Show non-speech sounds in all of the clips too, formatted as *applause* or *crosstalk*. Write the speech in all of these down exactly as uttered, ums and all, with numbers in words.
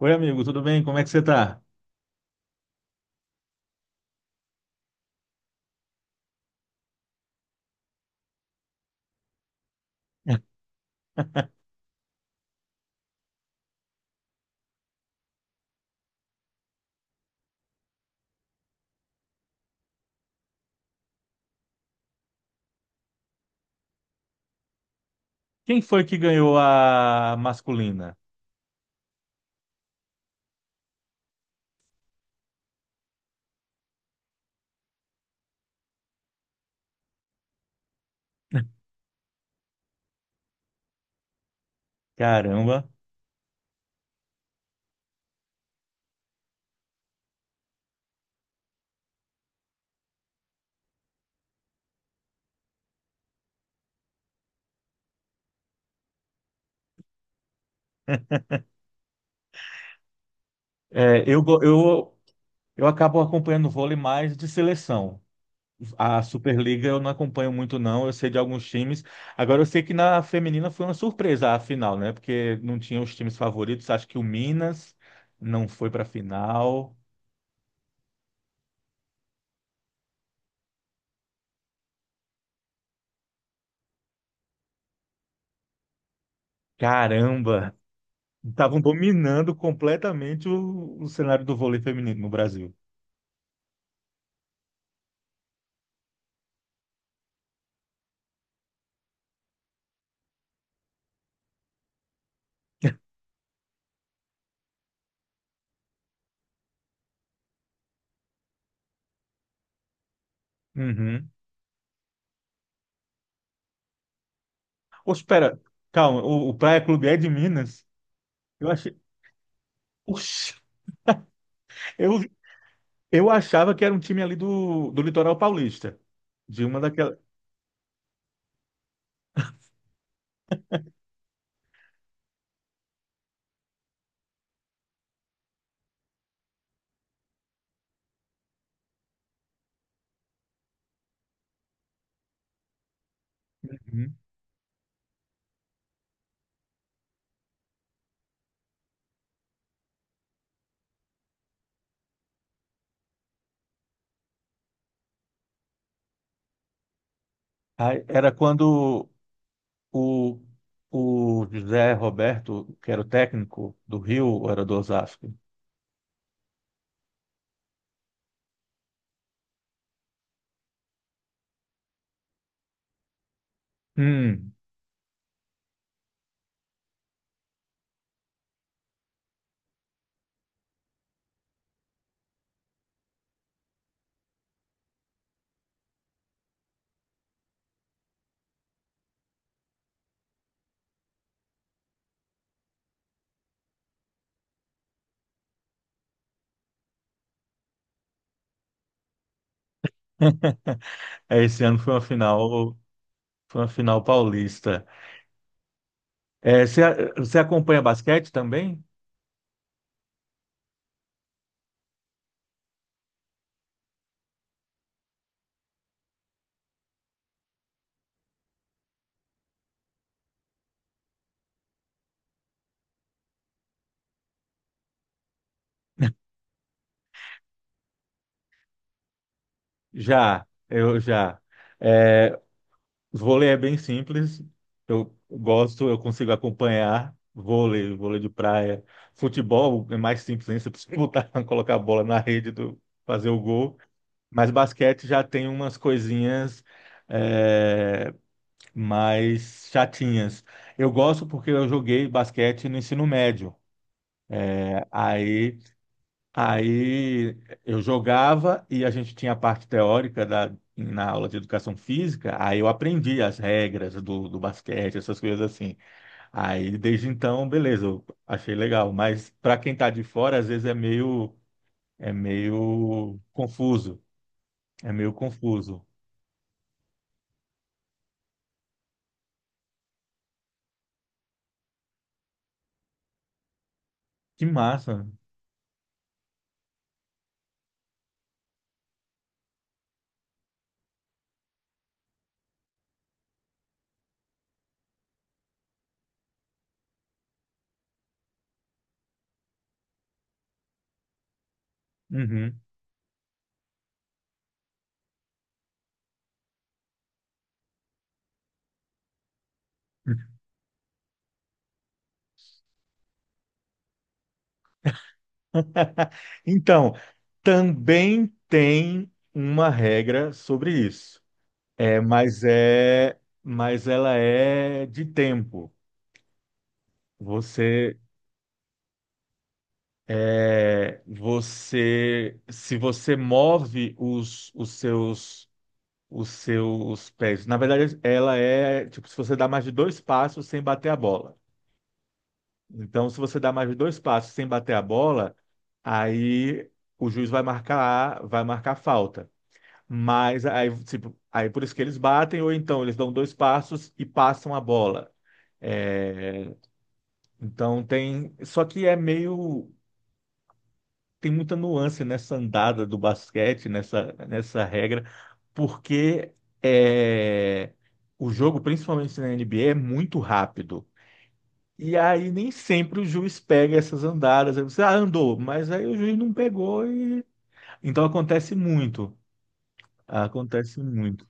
Oi, amigo, tudo bem? Como é que você tá? *laughs* Quem foi que ganhou a masculina? Caramba. É, eu, go- eu, eu acabo acompanhando vôlei mais de seleção. A Superliga eu não acompanho muito, não. Eu sei de alguns times. Agora, eu sei que na feminina foi uma surpresa a final, né? Porque não tinha os times favoritos. Acho que o Minas não foi pra final. Caramba! Estavam dominando completamente o, o cenário do vôlei feminino no Brasil. Uhum. Ô, espera, calma, o, o Praia Clube é de Minas? Eu achei. Oxi, eu, eu achava que era um time ali do, do Litoral Paulista, de uma daquelas. Uhum. Aí, era quando o, o José Roberto, que era o técnico do Rio, ou era do Osasco? Hum, é, esse ano foi uma final, foi uma final paulista. É, você, você acompanha basquete também? Já, eu já. É, vôlei é bem simples. Eu gosto, eu consigo acompanhar vôlei, vôlei de praia. Futebol é mais simples, hein? Você precisa botar, *laughs* colocar a bola na rede do fazer o gol. Mas basquete já tem umas coisinhas é, mais chatinhas. Eu gosto porque eu joguei basquete no ensino médio. Aí Aí eu jogava e a gente tinha a parte teórica da, na aula de educação física, aí eu aprendi as regras do, do basquete, essas coisas assim. Aí desde então, beleza, eu achei legal, mas para quem tá de fora, às vezes é meio é meio confuso, é meio confuso. Que massa. Uhum. *laughs* Então, também tem uma regra sobre isso. É, mas é, mas ela é de tempo. Você, é, você, Se você move os, os seus, os seus pés. Na verdade, ela é tipo se você dá mais de dois passos sem bater a bola. Então, se você dá mais de dois passos sem bater a bola, aí o juiz vai marcar, vai marcar falta. Mas aí, tipo, aí por isso que eles batem, ou então eles dão dois passos e passam a bola. É, Então tem, só que é meio tem muita nuance nessa andada do basquete, nessa nessa regra, porque é o jogo, principalmente na N B A, é muito rápido. E aí nem sempre o juiz pega essas andadas. Aí você, ah, andou, mas aí o juiz não pegou e então acontece muito. Acontece muito.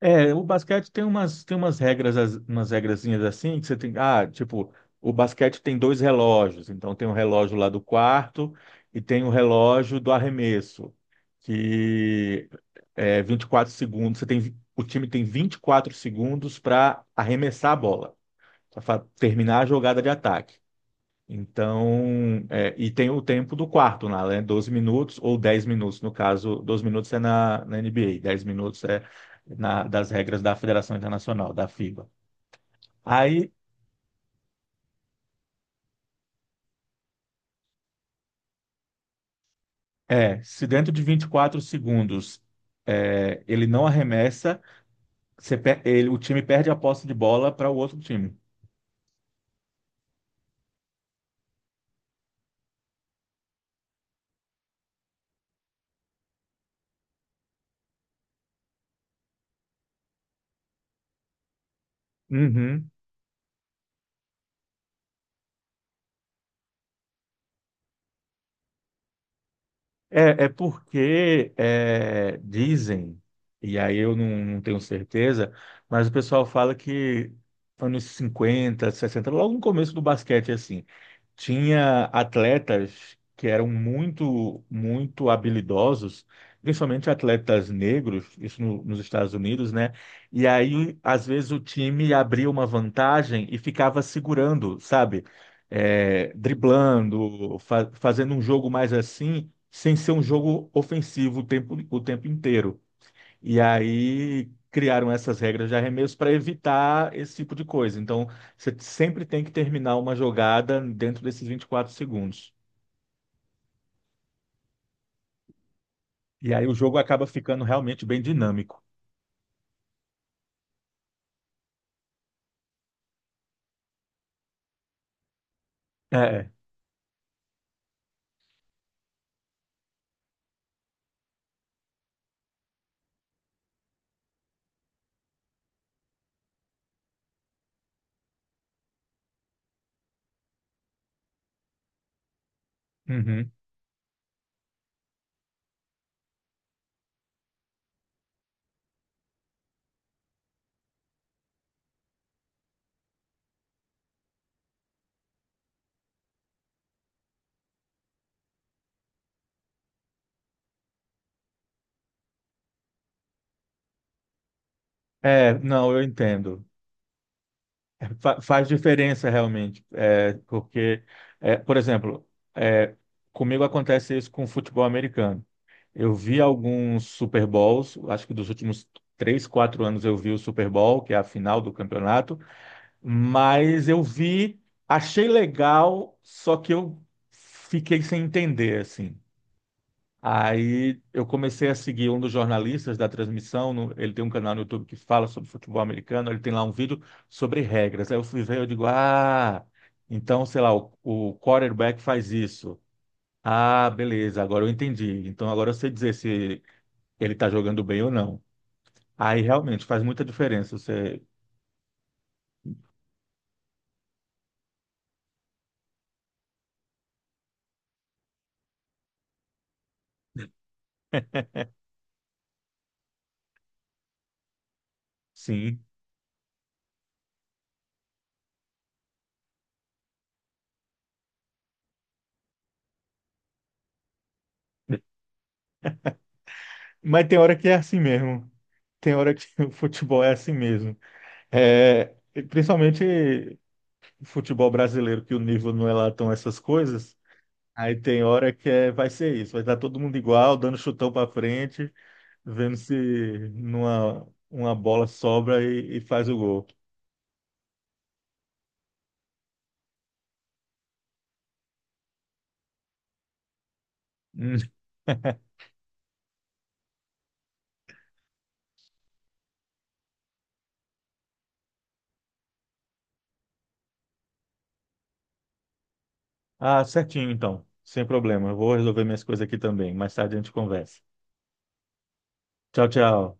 É, o basquete tem umas, tem umas regras, as- umas regrazinhas assim, que você tem, ah, tipo, o basquete tem dois relógios, então tem o relógio lá do quarto e tem o relógio do arremesso, que é vinte e quatro segundos, você tem, vi- o time tem vinte e quatro segundos para arremessar a bola, para terminar a jogada de ataque. Então, é, e tem o tempo do quarto lá, né? Doze minutos ou dez minutos, no caso, doze minutos é na, na N B A, dez minutos é na- das regras da Federação Internacional, da FIBA. Aí, é, se dentro de vinte e quatro segundos é, ele não arremessa, você pe- ele- o time perde a posse de bola para o outro time. Uhum. É, é porque é, dizem, e aí eu não, não tenho certeza, mas o pessoal fala que anos cinquenta, sessenta, logo no começo do basquete, assim, tinha atletas que eram muito, muito habilidosos, principalmente atletas negros, isso no- nos Estados Unidos, né? E aí, às vezes, o time abria uma vantagem e ficava segurando, sabe? É, driblando, fa- fazendo um jogo mais assim sem ser um jogo ofensivo o tempo, o tempo inteiro. E aí criaram essas regras de arremesso para evitar esse tipo de coisa. Então, você sempre tem que terminar uma jogada dentro desses vinte e quatro segundos. E aí o jogo acaba ficando realmente bem dinâmico. É, uhum. É, não, eu entendo. É, fa- faz diferença realmente, é, porque, é, por exemplo, é, comigo acontece isso com o futebol americano. Eu vi alguns Super Bowls, acho que dos últimos três, quatro anos eu vi o Super Bowl, que é a final do campeonato, mas eu vi, achei legal, só que eu fiquei sem entender, assim. Aí eu comecei a seguir um dos jornalistas da transmissão, no- ele tem um canal no YouTube que fala sobre futebol americano, ele tem lá um vídeo sobre regras. Aí eu fui ver, eu digo, ah, então, sei lá, o, o quarterback faz isso. Ah, beleza, agora eu entendi. Então agora eu sei dizer se ele tá jogando bem ou não. Aí realmente faz muita diferença você, sim. Mas tem hora que é assim mesmo. Tem hora que *laughs* o futebol é assim mesmo. É, principalmente futebol brasileiro, que o nível não é lá tão essas coisas. Aí tem hora que é, vai ser isso, vai estar todo mundo igual, dando chutão para frente, vendo se numa, uma bola sobra e, e faz o gol. Hum. *laughs* Ah, certinho então, sem problema. Eu vou resolver minhas coisas aqui também. Mais tarde a gente conversa. Tchau, tchau.